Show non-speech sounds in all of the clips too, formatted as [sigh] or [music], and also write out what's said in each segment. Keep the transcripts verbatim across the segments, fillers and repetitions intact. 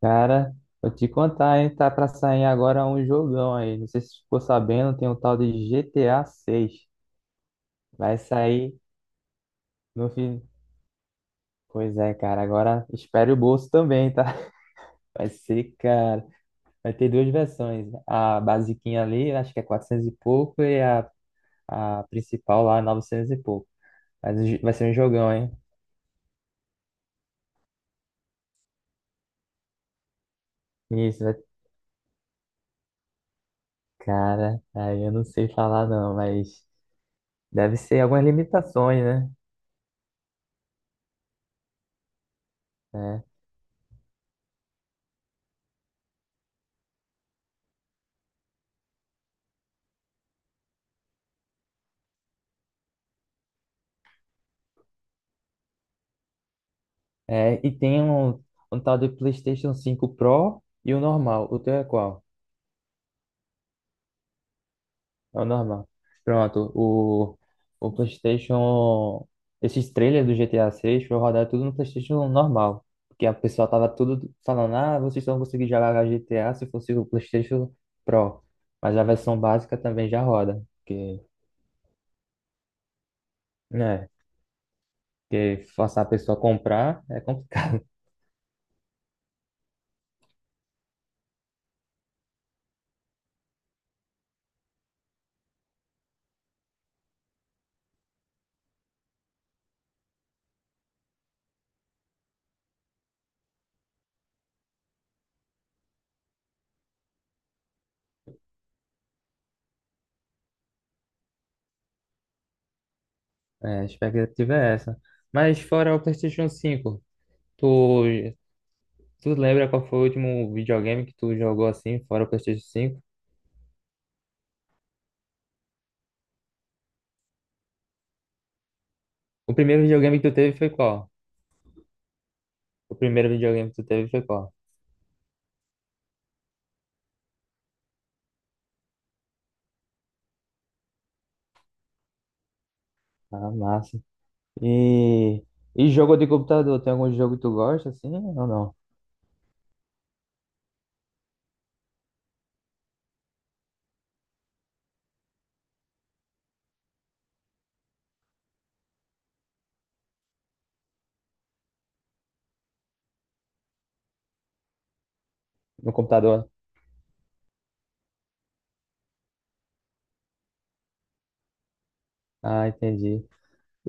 Cara, vou te contar, hein? Tá pra sair agora um jogão aí. Não sei se você ficou sabendo, tem um tal de G T A seis. Vai sair no fim. Pois é, cara. Agora espere o bolso também, tá? [laughs] Vai ser, cara. Vai ter duas versões. A basiquinha ali, acho que é quatrocentos e pouco, e a, a principal lá, novecentos e pouco. Mas o jo- vai ser um jogão, hein? Isso, vai... cara. Aí eu não sei falar, não, mas deve ser algumas limitações, né? É. É, e tem um, um tal de PlayStation cinco Pro e o normal. O teu é qual? É o normal. Pronto, o, o PlayStation. Esses trailers do G T A seis foi rodar tudo no PlayStation normal. Porque a pessoa tava tudo falando: ah, vocês só vão conseguir jogar G T A se fosse o PlayStation Pro. Mas a versão básica também já roda. Porque, né? Porque forçar a pessoa a comprar é complicado. É, a expectativa é essa. Mas fora o PlayStation cinco tu tu lembra qual foi o último videogame que tu jogou assim, fora o PlayStation cinco? O primeiro videogame que tu teve foi qual? O primeiro videogame que tu teve foi qual? Ah, massa. E, e jogo de computador? Tem algum jogo que tu gosta assim ou não? No computador? Ah, entendi.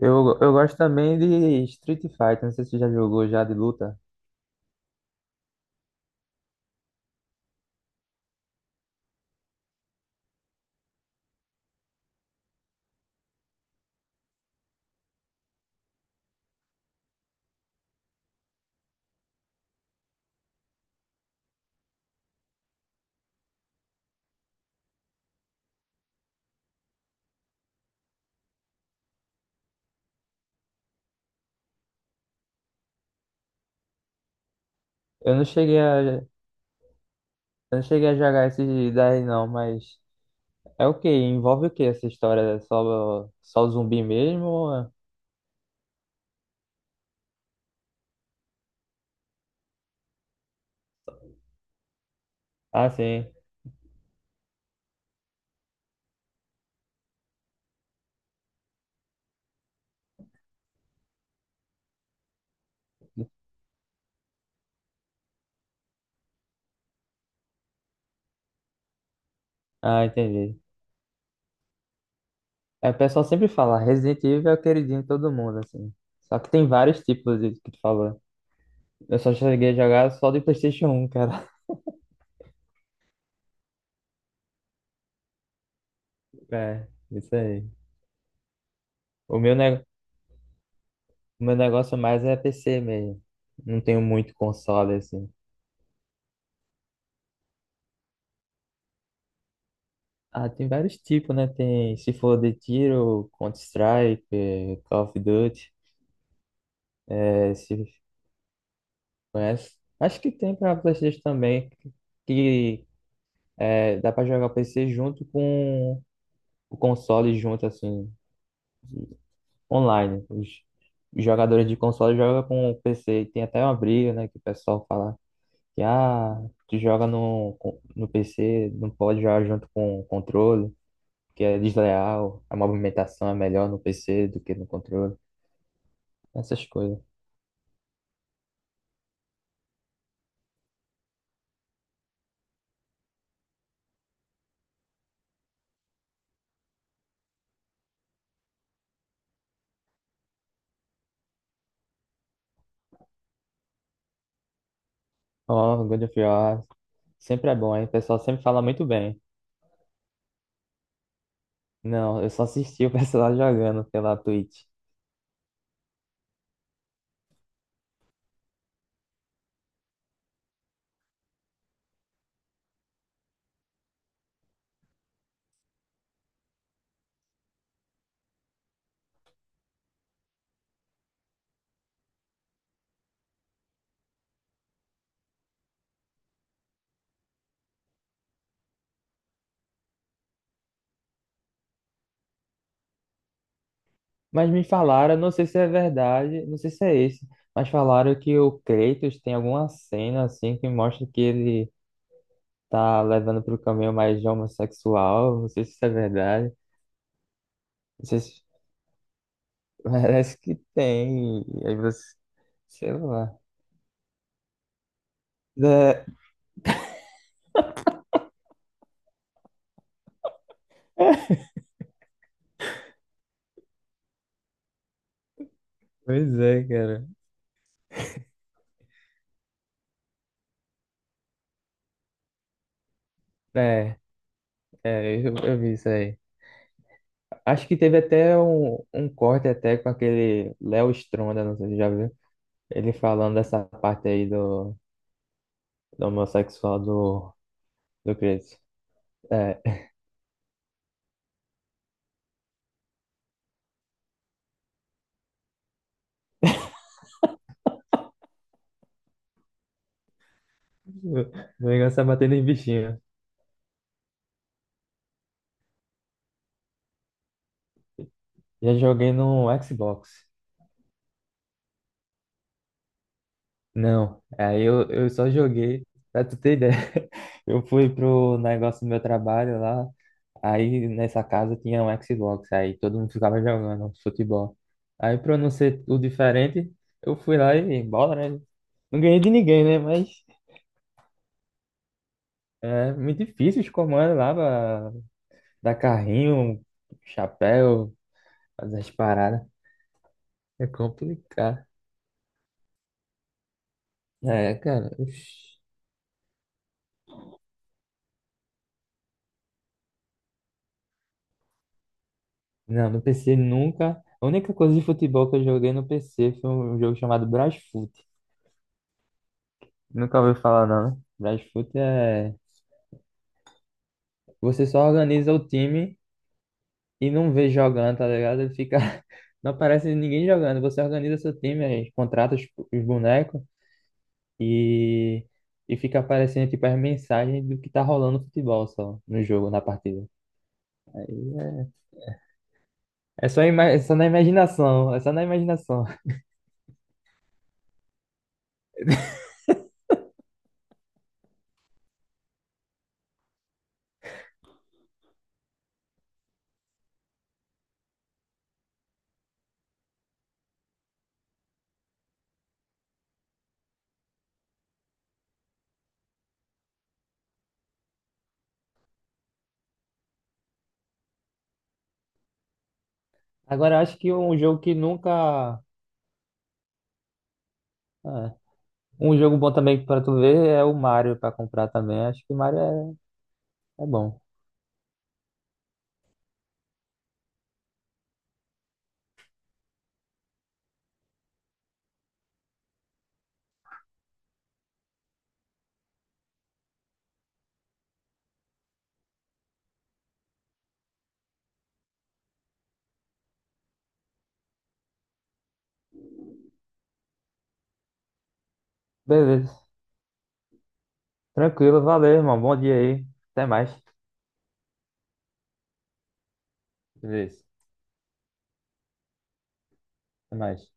Eu, eu gosto também de Street Fighter, não sei se tu já jogou já de luta. Eu não cheguei a, eu não cheguei a jogar esse daí não, mas é o quê? Envolve o quê essa história? É só, só zumbi mesmo? Ou é- Ah, sim. Ah, entendi. É, o pessoal sempre fala, Resident Evil é o queridinho de todo mundo, assim. Só que tem vários tipos de que tu falou. Eu só cheguei a jogar só de PlayStation um, cara. [laughs] É, isso aí. O meu, ne... o meu negócio mais é P C mesmo. Não tenho muito console, assim. Ah, tem vários tipos, né? Tem, se for de tiro, Counter-Strike, eh, Call of Duty, eh, se conhece. Acho que tem pra PlayStation também, que eh, dá pra jogar o P C junto com o console junto, assim, online. Os os jogadores de console jogam com o P C. Tem até uma briga, né, que o pessoal fala que ah, tu joga no, com- no P C, não pode jogar junto com o controle, que é desleal, a movimentação é melhor no P C do que no controle, essas coisas. Ó, God of War sempre é bom, hein? O pessoal sempre fala muito bem. Não, eu só assisti o pessoal [laughs] jogando pela Twitch. Mas me falaram, não sei se é verdade, não sei se é esse, mas falaram que o Kratos tem alguma cena assim que mostra que ele tá levando pro caminho mais homossexual, não sei se isso é verdade, não sei se [laughs] parece que tem, aí você, sei lá. É, [laughs] pois é, cara. É, é, eu, eu vi isso aí. Acho que teve até um, um corte até com aquele Léo Stronda, não sei se você já viu, ele falando dessa parte aí do, do homossexual do, do Kratos. É, meu negócio é batendo em bichinho. Já joguei no Xbox. Não, aí eu, eu só joguei, pra tu ter ideia. [laughs] Eu fui pro negócio do meu trabalho lá, aí nessa casa tinha um Xbox, aí todo mundo ficava jogando futebol. Aí pra eu não ser o diferente, eu fui lá e bola, né? Não ganhei de ninguém, né? Mas é muito difícil os comandos lá pra dar carrinho, chapéu, fazer as paradas. É complicado. É, cara. Ixi. Não, no P C nunca. A única coisa de futebol que eu joguei no P C foi um jogo chamado Brasfoot. Nunca ouviu falar, não, né? Brasfoot é. Você só organiza o time e não vê jogando, tá ligado? Ele fica. [laughs] Não aparece ninguém jogando. Você organiza seu time, aí contrata os, os bonecos e. E fica aparecendo tipo as mensagens do que tá rolando no futebol só, no jogo, na partida. Aí é, é só, ima... é só na imaginação, é só na imaginação. Agora eu acho que um jogo que nunca. ah, Um jogo bom também pra tu ver é o Mario pra comprar também. Acho que o Mario é, é bom. Beleza. Tranquilo, valeu, irmão. Bom dia aí. Até mais. Beleza. Até mais.